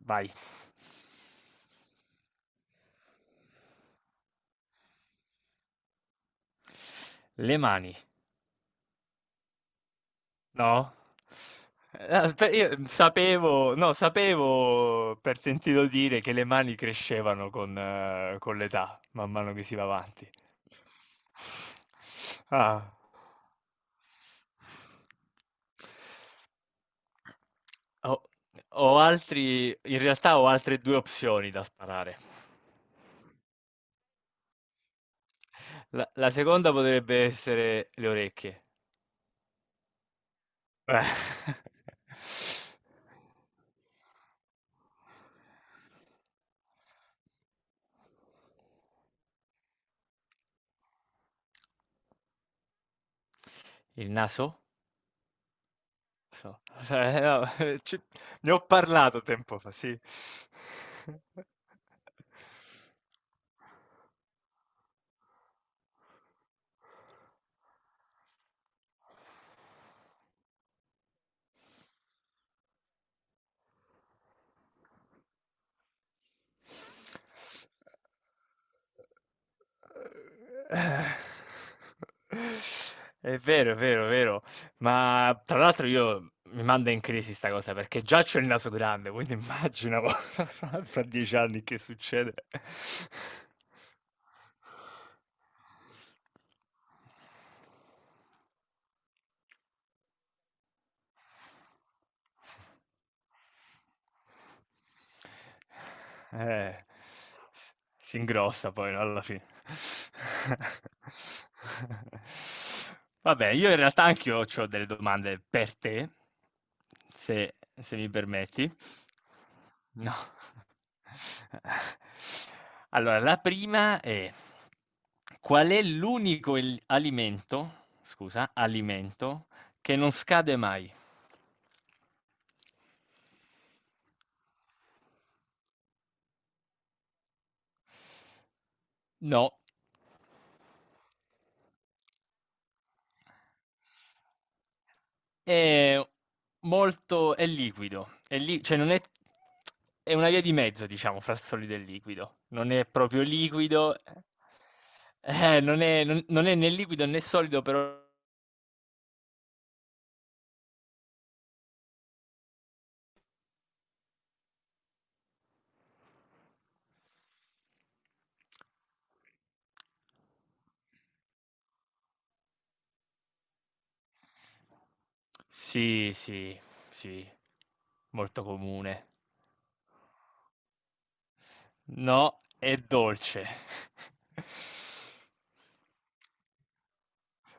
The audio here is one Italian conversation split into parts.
Vai. Le mani, no? Io sapevo, no, sapevo per sentito dire che le mani crescevano con l'età, man mano che si va avanti. Ah. Ho, ho altri, in realtà ho altre due opzioni da sparare. La seconda potrebbe essere le orecchie. Eh. Il naso? So. Cioè, no, ci- ne ho parlato tempo fa, sì. È vero, è vero, è vero. Ma tra l'altro io mi manda in crisi sta cosa perché già c'ho il naso grande, quindi immagino fra 10 anni che succede. Eh, s Si ingrossa poi, no, alla fine. Vabbè, io in realtà anch'io c'ho delle domande per te, se se mi permetti. No. Allora, la prima è: qual è l'unico alimento, scusa, alimento che non scade mai? No, è molto, è liquido, cioè non è, è una via di mezzo, diciamo, fra il solido e il liquido. Non è proprio liquido, non è, non è né liquido né solido, però... Sì, sì, sì, molto comune. No, è dolce.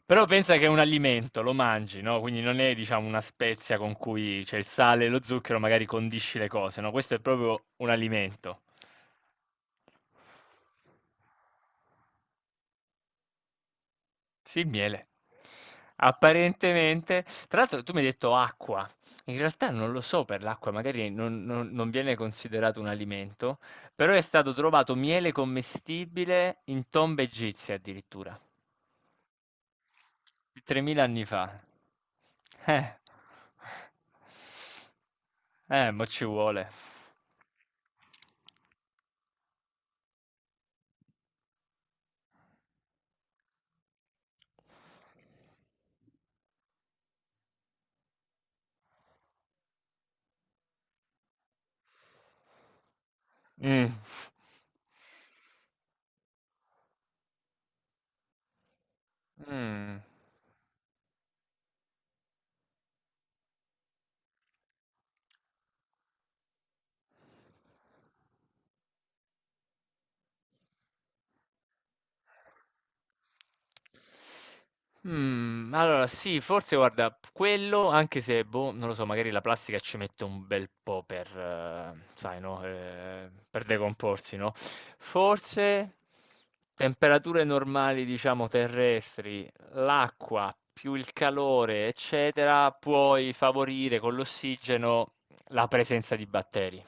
Però pensa che è un alimento, lo mangi, no? Quindi non è, diciamo, una spezia con cui c'è il sale e lo zucchero, magari condisci le cose, no? Questo è proprio un alimento. Sì, il miele. Apparentemente, tra l'altro tu mi hai detto acqua, in realtà non lo so per l'acqua, magari non, non viene considerato un alimento, però è stato trovato miele commestibile in tombe egizie addirittura. 3000 anni fa. Eh. Mo' ci vuole. Mm. Mm. Mm, allora sì, forse guarda, quello, anche se, boh, non lo so, magari la plastica ci mette un bel po' per, sai, no, per decomporsi, no? Forse temperature normali, diciamo, terrestri, l'acqua più il calore, eccetera, puoi favorire con l'ossigeno la presenza di batteri.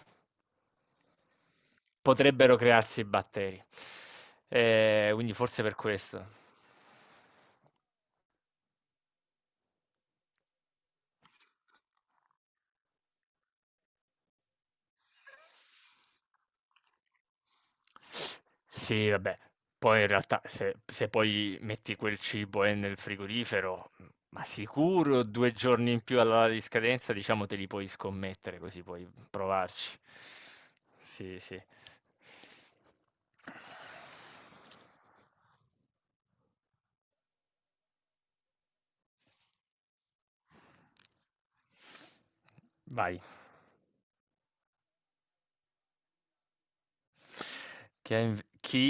Potrebbero crearsi batteri. Quindi forse per questo. Sì, vabbè. Poi in realtà se poi metti quel cibo nel frigorifero, ma sicuro 2 giorni in più alla data di scadenza, diciamo, te li puoi scommettere, così puoi provarci. Sì, sì. Vai. Chi? Chi?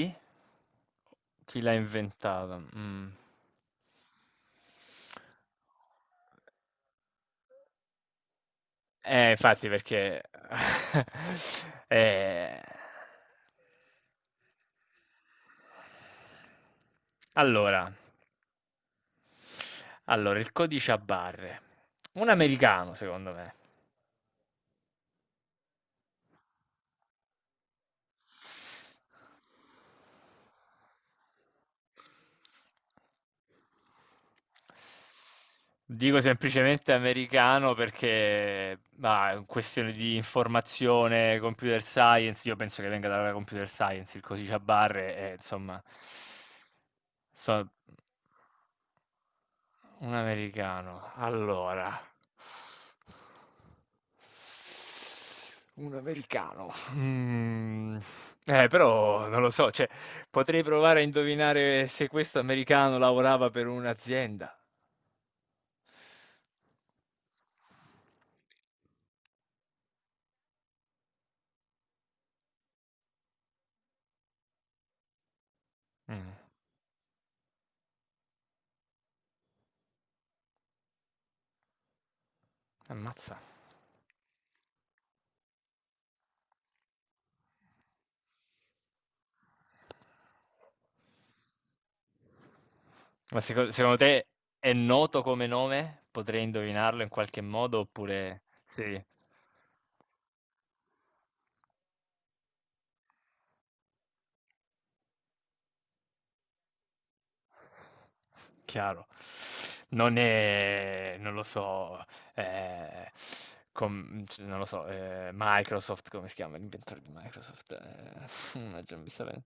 Chi l'ha inventata? Mm. Infatti perché ehm, allora allora, il codice a barre. Un americano, secondo me. Dico semplicemente americano perché, ma è questione di informazione, computer science, io penso che venga dalla computer science il codice a barre, e, insomma, so- Un americano. Allora, un americano. Mm. Però non lo so, cioè, potrei provare a indovinare se questo americano lavorava per un'azienda. Mm. Ammazza. Secondo te è noto come nome? Potrei indovinarlo in qualche modo oppure sì. Chiaro. Non è non lo so, ehm, com c non lo so, Microsoft, come si chiama l'inventore di Microsoft? Mannaggia, non mi sta ven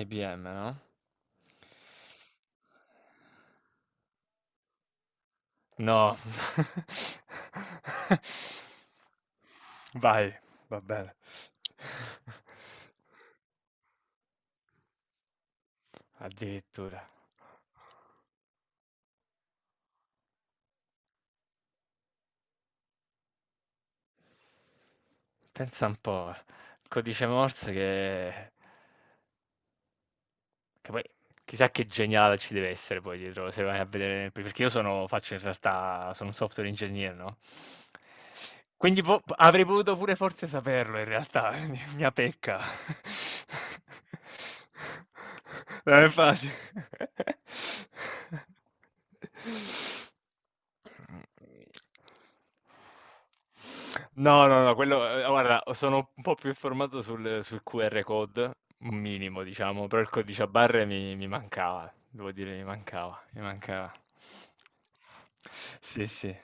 IBM, no? No. Vai, va bene. Addirittura. Pensa un po', il codice Morse che... Che poi chissà che geniale ci deve essere poi dietro, se vai a vedere, perché io sono, faccio in realtà, sono un software engineer, no? Quindi avrei potuto pure forse saperlo in realtà, mia pecca. Non è facile. No, no, no, quello, guarda, sono un po' più informato sul QR code, un minimo, diciamo, però il codice a barre mi, mi mancava, devo dire, mi mancava, mi mancava. Sì, sì.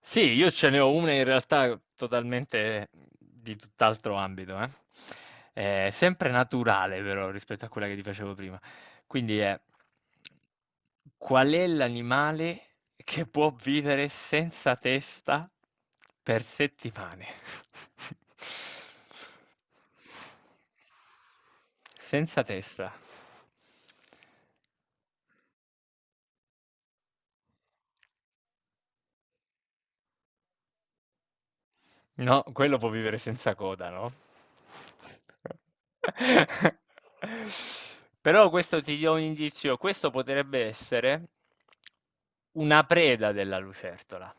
Sì, io ce ne ho una in realtà totalmente di tutt'altro ambito, eh. È sempre naturale però rispetto a quella che ti facevo prima. Quindi è qual è l'animale che può vivere senza testa per settimane? Senza testa. No, quello può vivere senza coda, no? Però questo ti do un indizio, questo potrebbe essere una preda della lucertola.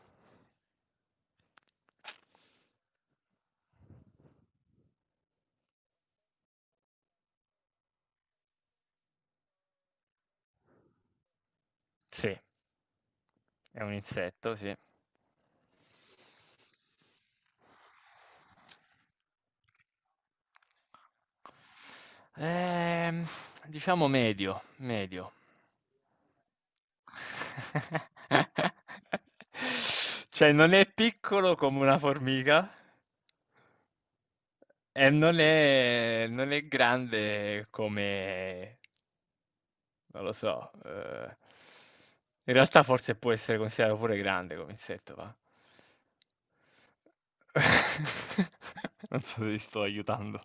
Sì, è un insetto, sì. Ehm, diciamo medio, medio. Cioè, non è piccolo come una formica. Non è, non è grande come, non lo so, in realtà forse può essere considerato pure grande come insetto, va. Non so se ti sto aiutando.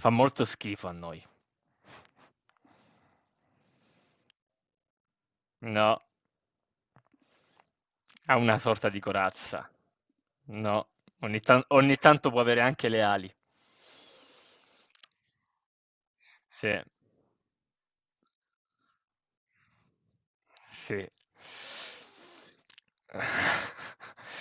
Fa molto schifo a noi. No, ha una sorta di corazza. No, ogni tanto può avere anche le ali. Sì. Sì.